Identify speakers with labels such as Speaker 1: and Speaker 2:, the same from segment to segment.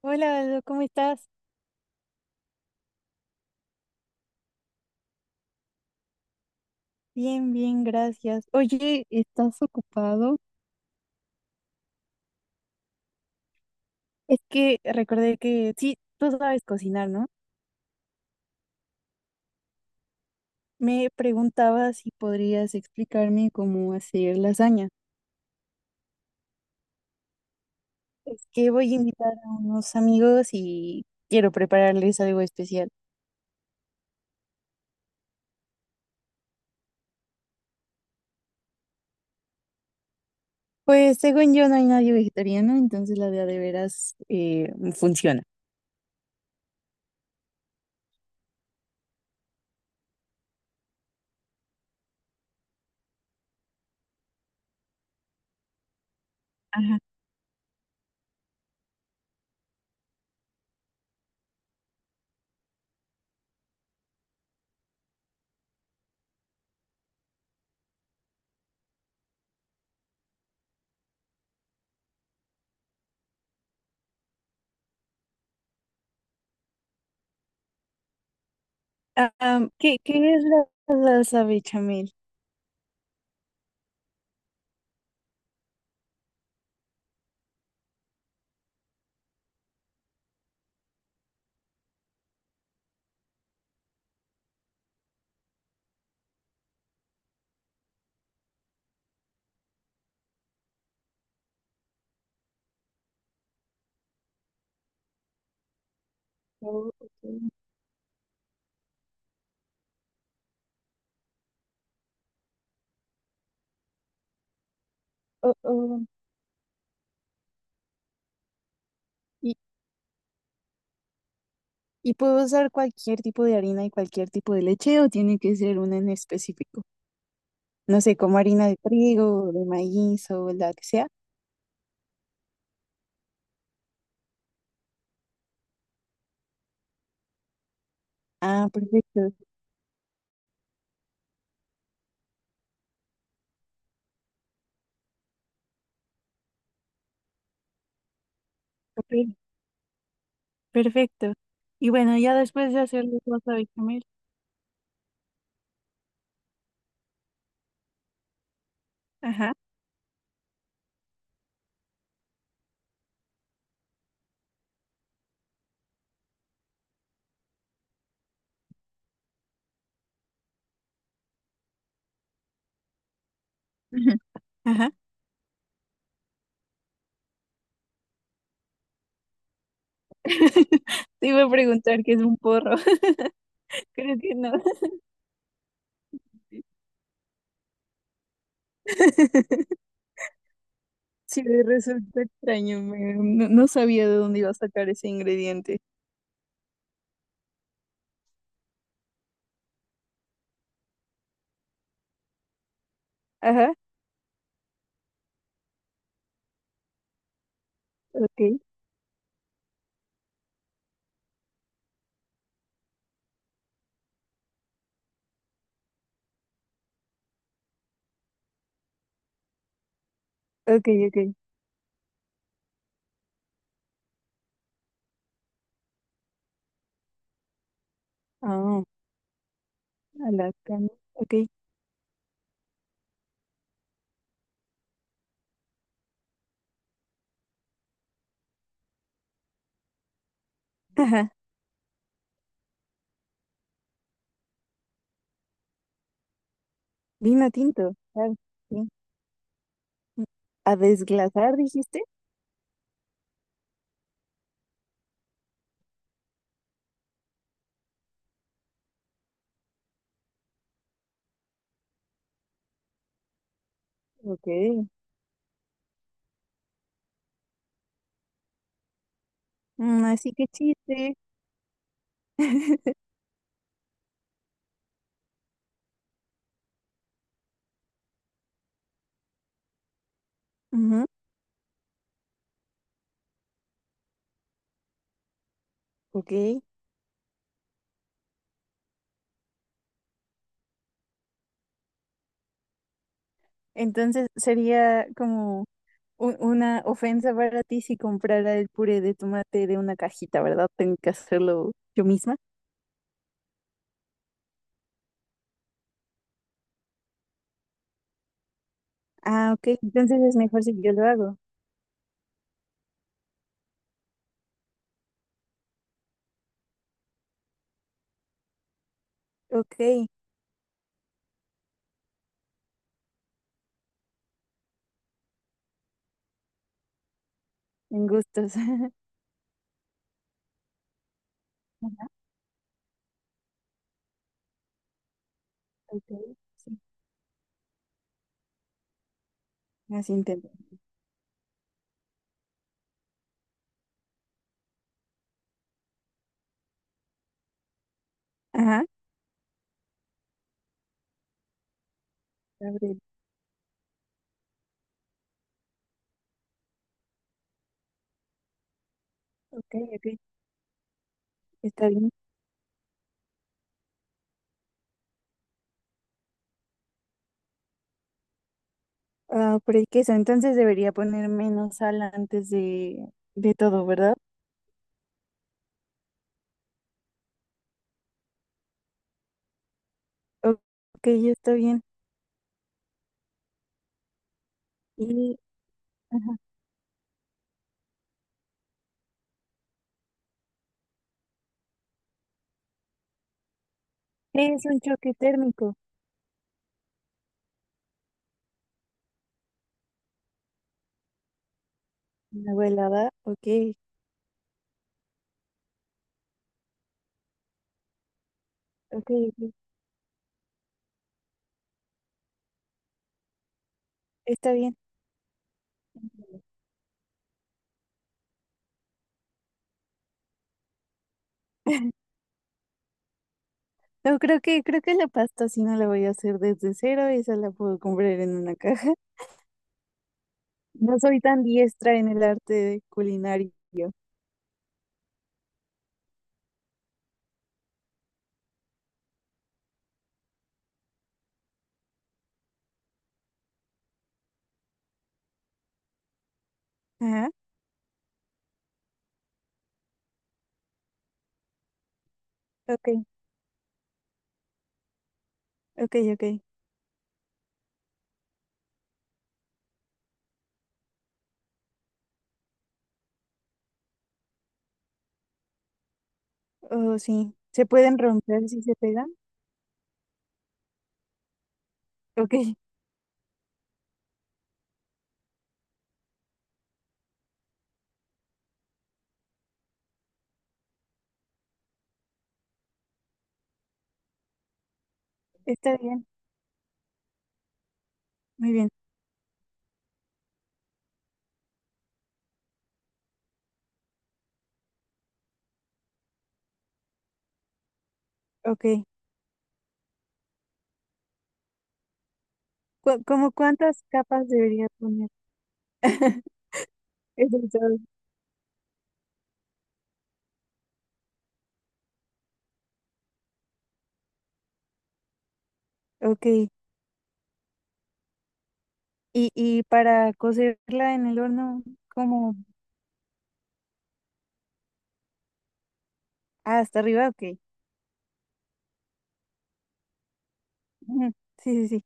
Speaker 1: Hola, Aldo, ¿cómo estás? Bien, bien, gracias. Oye, ¿estás ocupado? Es que recordé que sí, tú sabes cocinar, ¿no? Me preguntaba si podrías explicarme cómo hacer lasaña. Es que voy a invitar a unos amigos y quiero prepararles algo especial. Pues según yo no hay nadie vegetariano, entonces la de a de veras funciona. Ajá. ¿Qué es la salsa bechamel? Oh, ok. Oh, oh. ¿Y puedo usar cualquier tipo de harina y cualquier tipo de leche o tiene que ser una en específico? No sé, como harina de trigo, o de maíz o la que sea. Ah, perfecto. Ok, perfecto. Y bueno, ya después de hacer los wasabi comer. Ajá. Ujú. Ajá. Te iba a preguntar qué es un porro. Creo que no. Sí, me resulta extraño. No, no sabía de dónde iba a sacar ese ingrediente. Ajá. Ok, ok, ok. Ah, a la cana. Ok. Vino tinto, claro, sí. A desglasar, dijiste. Ok. Mm, así que chiste. Ujú, ok. Entonces sería como una ofensa para ti si comprara el puré de tomate de una cajita, ¿verdad? Tengo que hacerlo yo misma. Ah, ok. Entonces es mejor si yo lo hago. Ok. En gustos. Ajá, ok. Sí, así intento. Ajá. Gabriel. Ok, ok. Está bien. Ah, pero es que eso, entonces debería poner menos sal antes de todo, ¿verdad? O- Ok, ya está bien. Y, ajá, ¿qué es un choque térmico? Una helada, ok, ok, ok, está bien. No, creo que la pasta sí no la voy a hacer desde cero, esa la puedo comprar en una caja. No soy tan diestra en el arte culinario. Ajá, ok, ok, ok. Oh, sí. ¿Se pueden romper si se pegan? Ok, está bien, muy bien, ok. ¿Cómo cuántas capas debería poner? Eso es todo. Ok. Y para cocerla en el horno, como ah, hasta arriba, ok. Ujú. Sí, sí, sí.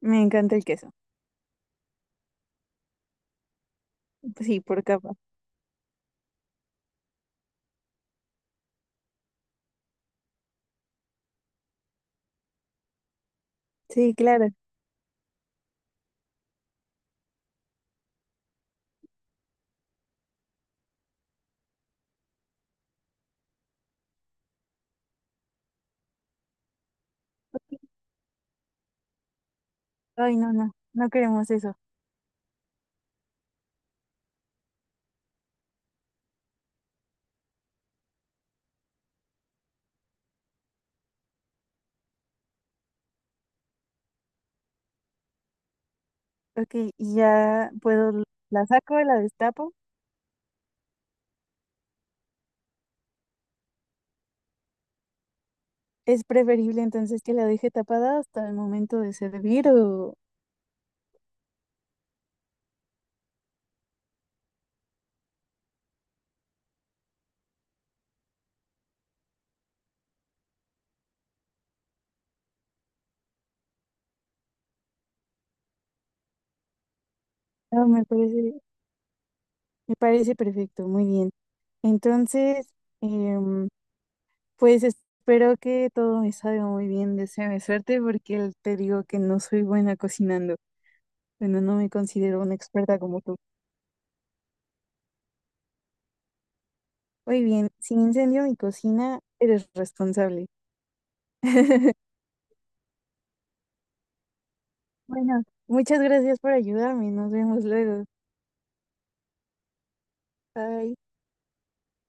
Speaker 1: Me encanta el queso. Sí, por capa. Sí, claro. Ok. Ay, no, no. No queremos eso. Ok, y ya puedo, la saco, la destapo. Es preferible entonces que la deje tapada hasta el momento de servir o... No, me parece perfecto, muy bien. Entonces, em, pues espero que todo me salga muy bien, deséame suerte porque te digo que no soy buena cocinando. Bueno, no me considero una experta como tú. Muy bien, si incendio mi cocina, eres responsable. Bueno, muchas gracias por ayudarme. Nos vemos luego. Bye.